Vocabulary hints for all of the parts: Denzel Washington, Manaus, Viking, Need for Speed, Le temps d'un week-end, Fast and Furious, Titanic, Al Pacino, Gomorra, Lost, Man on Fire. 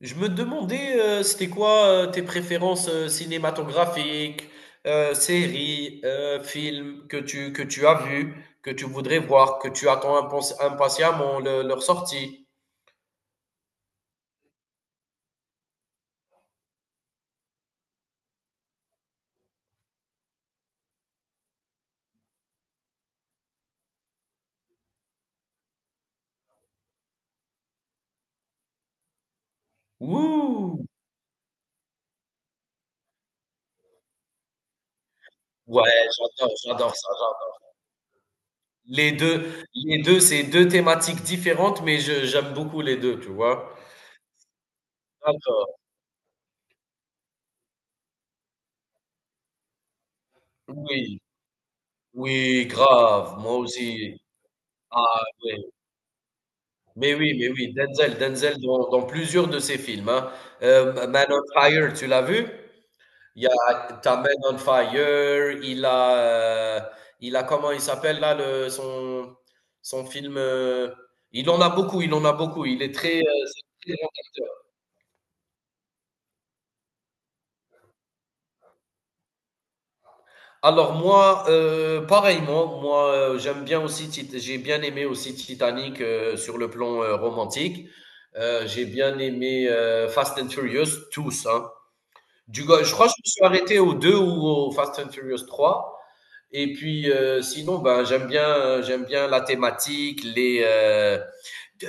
Je me demandais, c'était quoi tes préférences cinématographiques, séries, films que tu as vus, que tu voudrais voir, que tu attends impatiemment leur sortie. Ouh! Ouais, j'adore ça, j'adore. Les deux, c'est deux thématiques différentes, mais j'aime beaucoup les deux, tu vois. D'accord. Oui, oui, grave, moi aussi. Ah, oui. Mais oui, mais oui, Denzel, Denzel dans plusieurs de ses films, hein. Man on Fire, tu l'as vu? Il y a t'as Man on Fire, euh, il a comment il s'appelle là le son film. Il en a beaucoup, il en a beaucoup. Il est très, c'est un très grand acteur. Alors moi, pareillement, moi j'aime bien aussi, j'ai bien aimé aussi Titanic sur le plan romantique. J'ai bien aimé Fast and Furious, tous, hein. Je crois que je me suis arrêté au 2 ou au Fast and Furious trois. Et puis, sinon, ben, j'aime bien la thématique, les.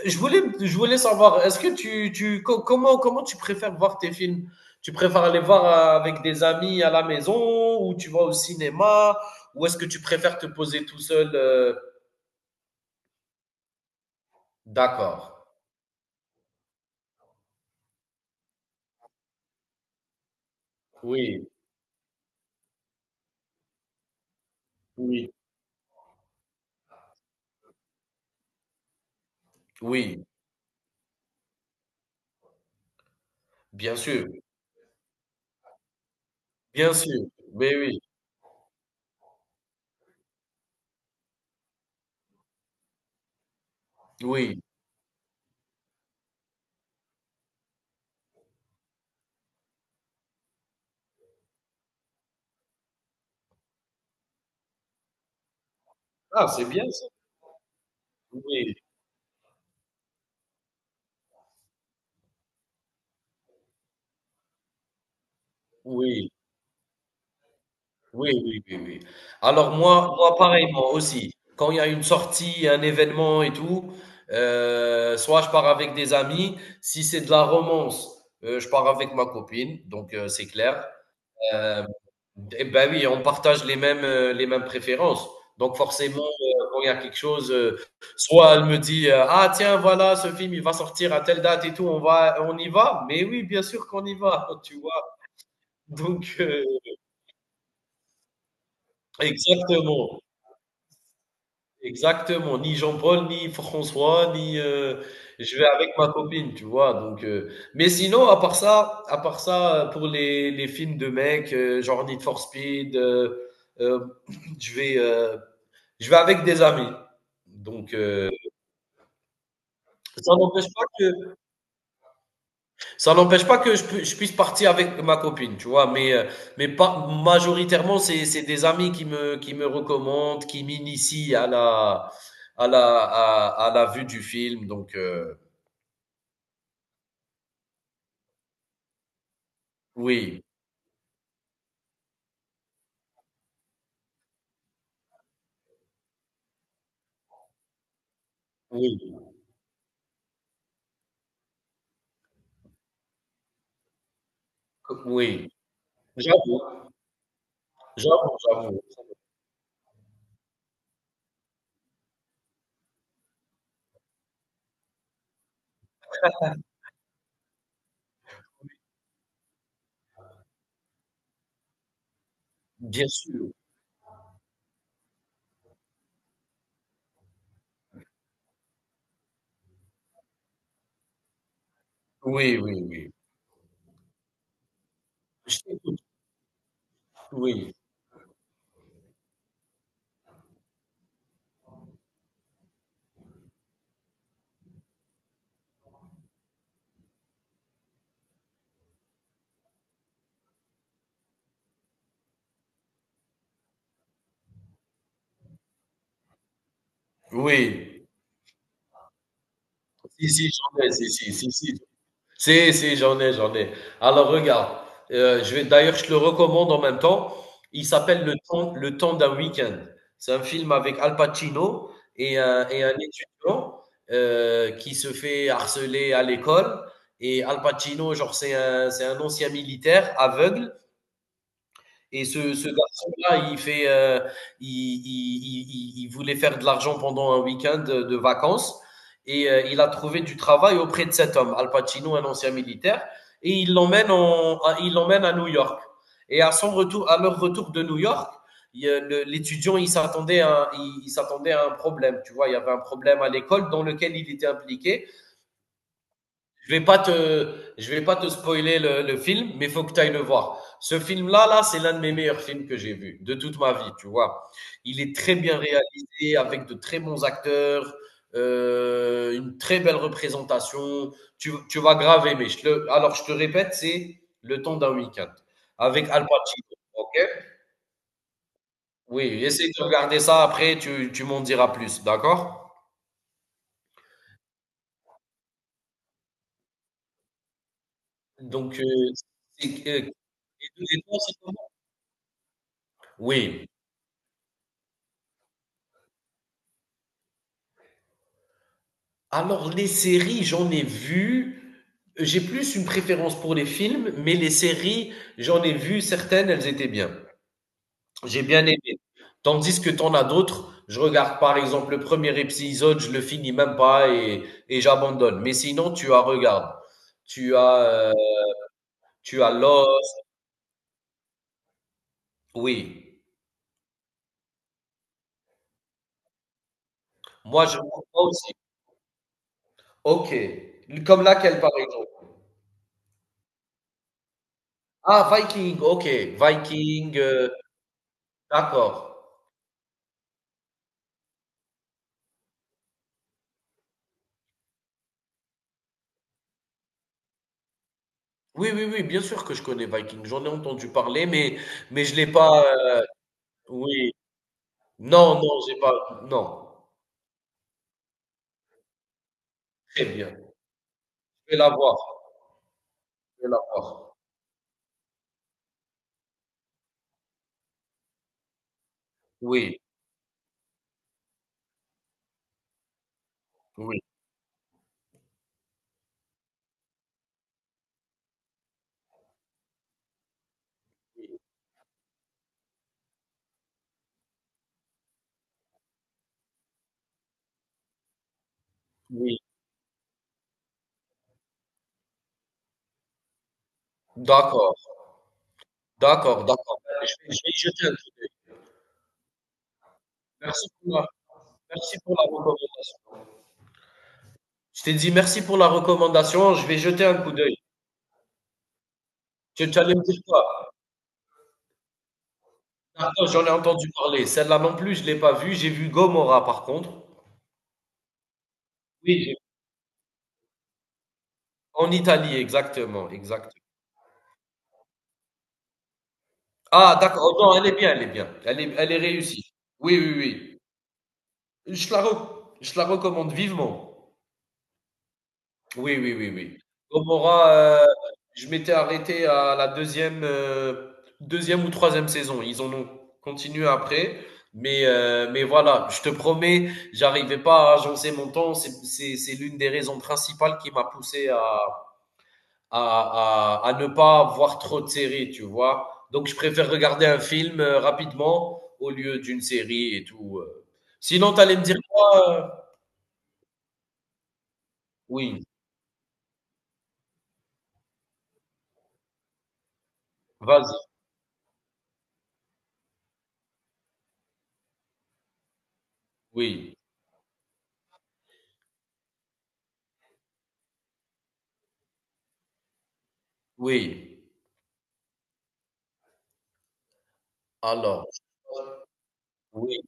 Je voulais, je voulais savoir, est-ce que comment, comment tu préfères voir tes films? Tu préfères aller voir avec des amis à la maison ou tu vas au cinéma ou est-ce que tu préfères te poser tout seul? D'accord. Oui, oui, oui, bien sûr, bien sûr. Mais oui, oui. Ah, c'est bien ça. Oui, oui. Oui, oui, oui, oui. Alors moi pareil, moi aussi. Quand il y a une sortie, un événement et tout, soit je pars avec des amis, si c'est de la romance, je pars avec ma copine, donc c'est clair. Hem, et ben oui, on partage les mêmes préférences. Donc forcément, quand il y a quelque chose, soit elle me dit, «Ah tiens, voilà, ce film, il va sortir à telle date et tout, on y va?» Mais oui, bien sûr qu'on y va, tu vois? Donc exactement. Exactement, ni Jean-Paul, ni François, ni je vais avec ma copine, tu vois? Donc mais sinon, à part ça, pour les films de mecs, genre Need for Speed, hem, je vais, heu, je vais avec des amis. Donc ça n'empêche pas que ça n'empêche pas que je puisse partir avec ma copine, tu vois, mais pas, majoritairement, c'est des amis qui me recommandent, qui m'initient à la, à la vue du film. Donc, oui, oui, oui. J'avoue, j'avoue, j'avoue. Bien sûr. Oui, oui, oui. Je t'écoute. Oui, oui. Si, si, j'en ai, si, si, si, si, si, si, j'en ai, j'en ai. Alors regarde, je vais d'ailleurs, je te le recommande en même temps. Il s'appelle Le temps d'un week-end. C'est un film avec Al Pacino et et un étudiant qui se fait harceler à l'école. Et Al Pacino, genre, c'est un ancien militaire aveugle et ce garçon-là, il, fait, il, il voulait faire de l'argent pendant un week-end de vacances et il a trouvé du travail auprès de cet homme, Al Pacino, un ancien militaire, et il l'emmène à New York. Et à son retour, à leur retour de New York, l'étudiant, il s'attendait à un problème, tu vois, il y avait un problème à l'école dans lequel il était impliqué. Je vais pas te spoiler le film, mais il faut que tu ailles le voir. Ce là, c'est l'un de mes meilleurs films que j'ai vu de toute ma vie, tu vois. Il est très bien réalisé, avec de très bons acteurs, une très belle représentation. Tu vas grave aimer. Alors, je te répète, c'est Le temps d'un week-end avec Al Pacino. Ok, oui, essaye de regarder ça après, tu m'en diras plus, d'accord? Donc, c'est- euh, et- et oui. Alors, les séries, j'en ai vu. J'ai plus une préférence pour les films, mais les séries, j'en ai vu certaines, elles étaient bien. J'ai bien aimé. Tandis que t'en as d'autres, je regarde par exemple le premier épisode, je le finis même pas et, et j'abandonne. Mais sinon, tu as regarde. Tu as, euh, tu as Lost. Oui. Moi, je moi aussi. Ok. Comme laquelle, par exemple? Ah, Viking. Ok. Viking. D'accord. Oui, oui, oui, bien sûr que je connais Viking. J'en ai entendu parler, mais je l'ai pas. Oui. Non, non, j'ai pas. Non. Très bien. Je vais la voir. Je vais la voir. Oui, oui, oui. D'accord, d'accord, d'accord. Je vais, je vais y jeter un coup d'œil. Merci pour la, merci pour la recommandation. Je t'ai dit merci pour la recommandation. Je vais jeter un coup d'œil. Tu allais me dire quoi? D'accord, j'en ai entendu parler. Celle-là non plus, je l'ai pas vue. J'ai vu Gomorra par contre. Oui, j'ai- en Italie, exactement, exactement. Ah, d'accord. Oh, non, elle est bien, elle est bien. Elle est réussie. Oui, oui, oui. Je la recommande vivement. Oui, oui, oui, oui. Gomorrah, je m'étais arrêté à la deuxième, deuxième ou troisième saison. Ils en ont continué après. Mais voilà, je te promets, j'arrivais pas à agencer mon temps. C'est l'une des raisons principales qui m'a poussé à ne pas voir trop de séries, tu vois. Donc, je préfère regarder un film rapidement au lieu d'une série et tout. Sinon, tu allais me dire quoi? euh Oui, vas-y, oui, oui. Alors, oui.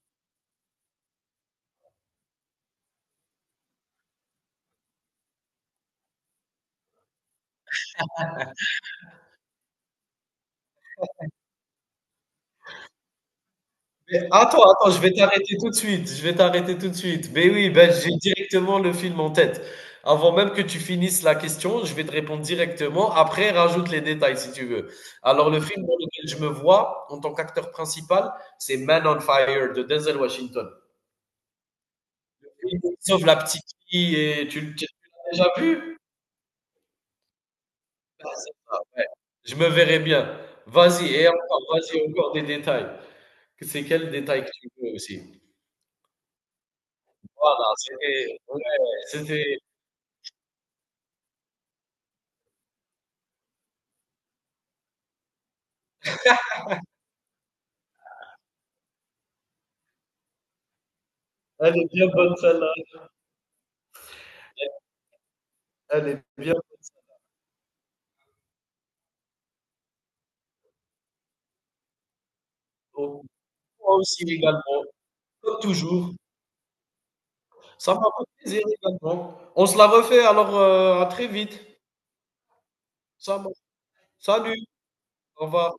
Mais attends, attends, je vais t'arrêter tout de suite. Je vais t'arrêter tout de suite. Mais oui, ben, j'ai directement le film en tête. Avant même que tu finisses la question, je vais te répondre directement. Après, rajoute les détails si tu veux. Alors, le film dans lequel je me vois en tant qu'acteur principal, c'est Man on Fire de Denzel Washington. Il sauve la petite fille et tu l'as déjà vu? Vas-y. Je me verrai bien. Vas-y, et encore, vas-y, encore des détails. C'est quel détail que tu veux aussi? Voilà, c'était, ouais, c'était Elle est bien bonne celle-là. Elle est bien bonne. Moi aussi également, comme toujours. Ça m'a fait plaisir également. On se la refait, alors à très vite. Ça, m'a- salut, au revoir.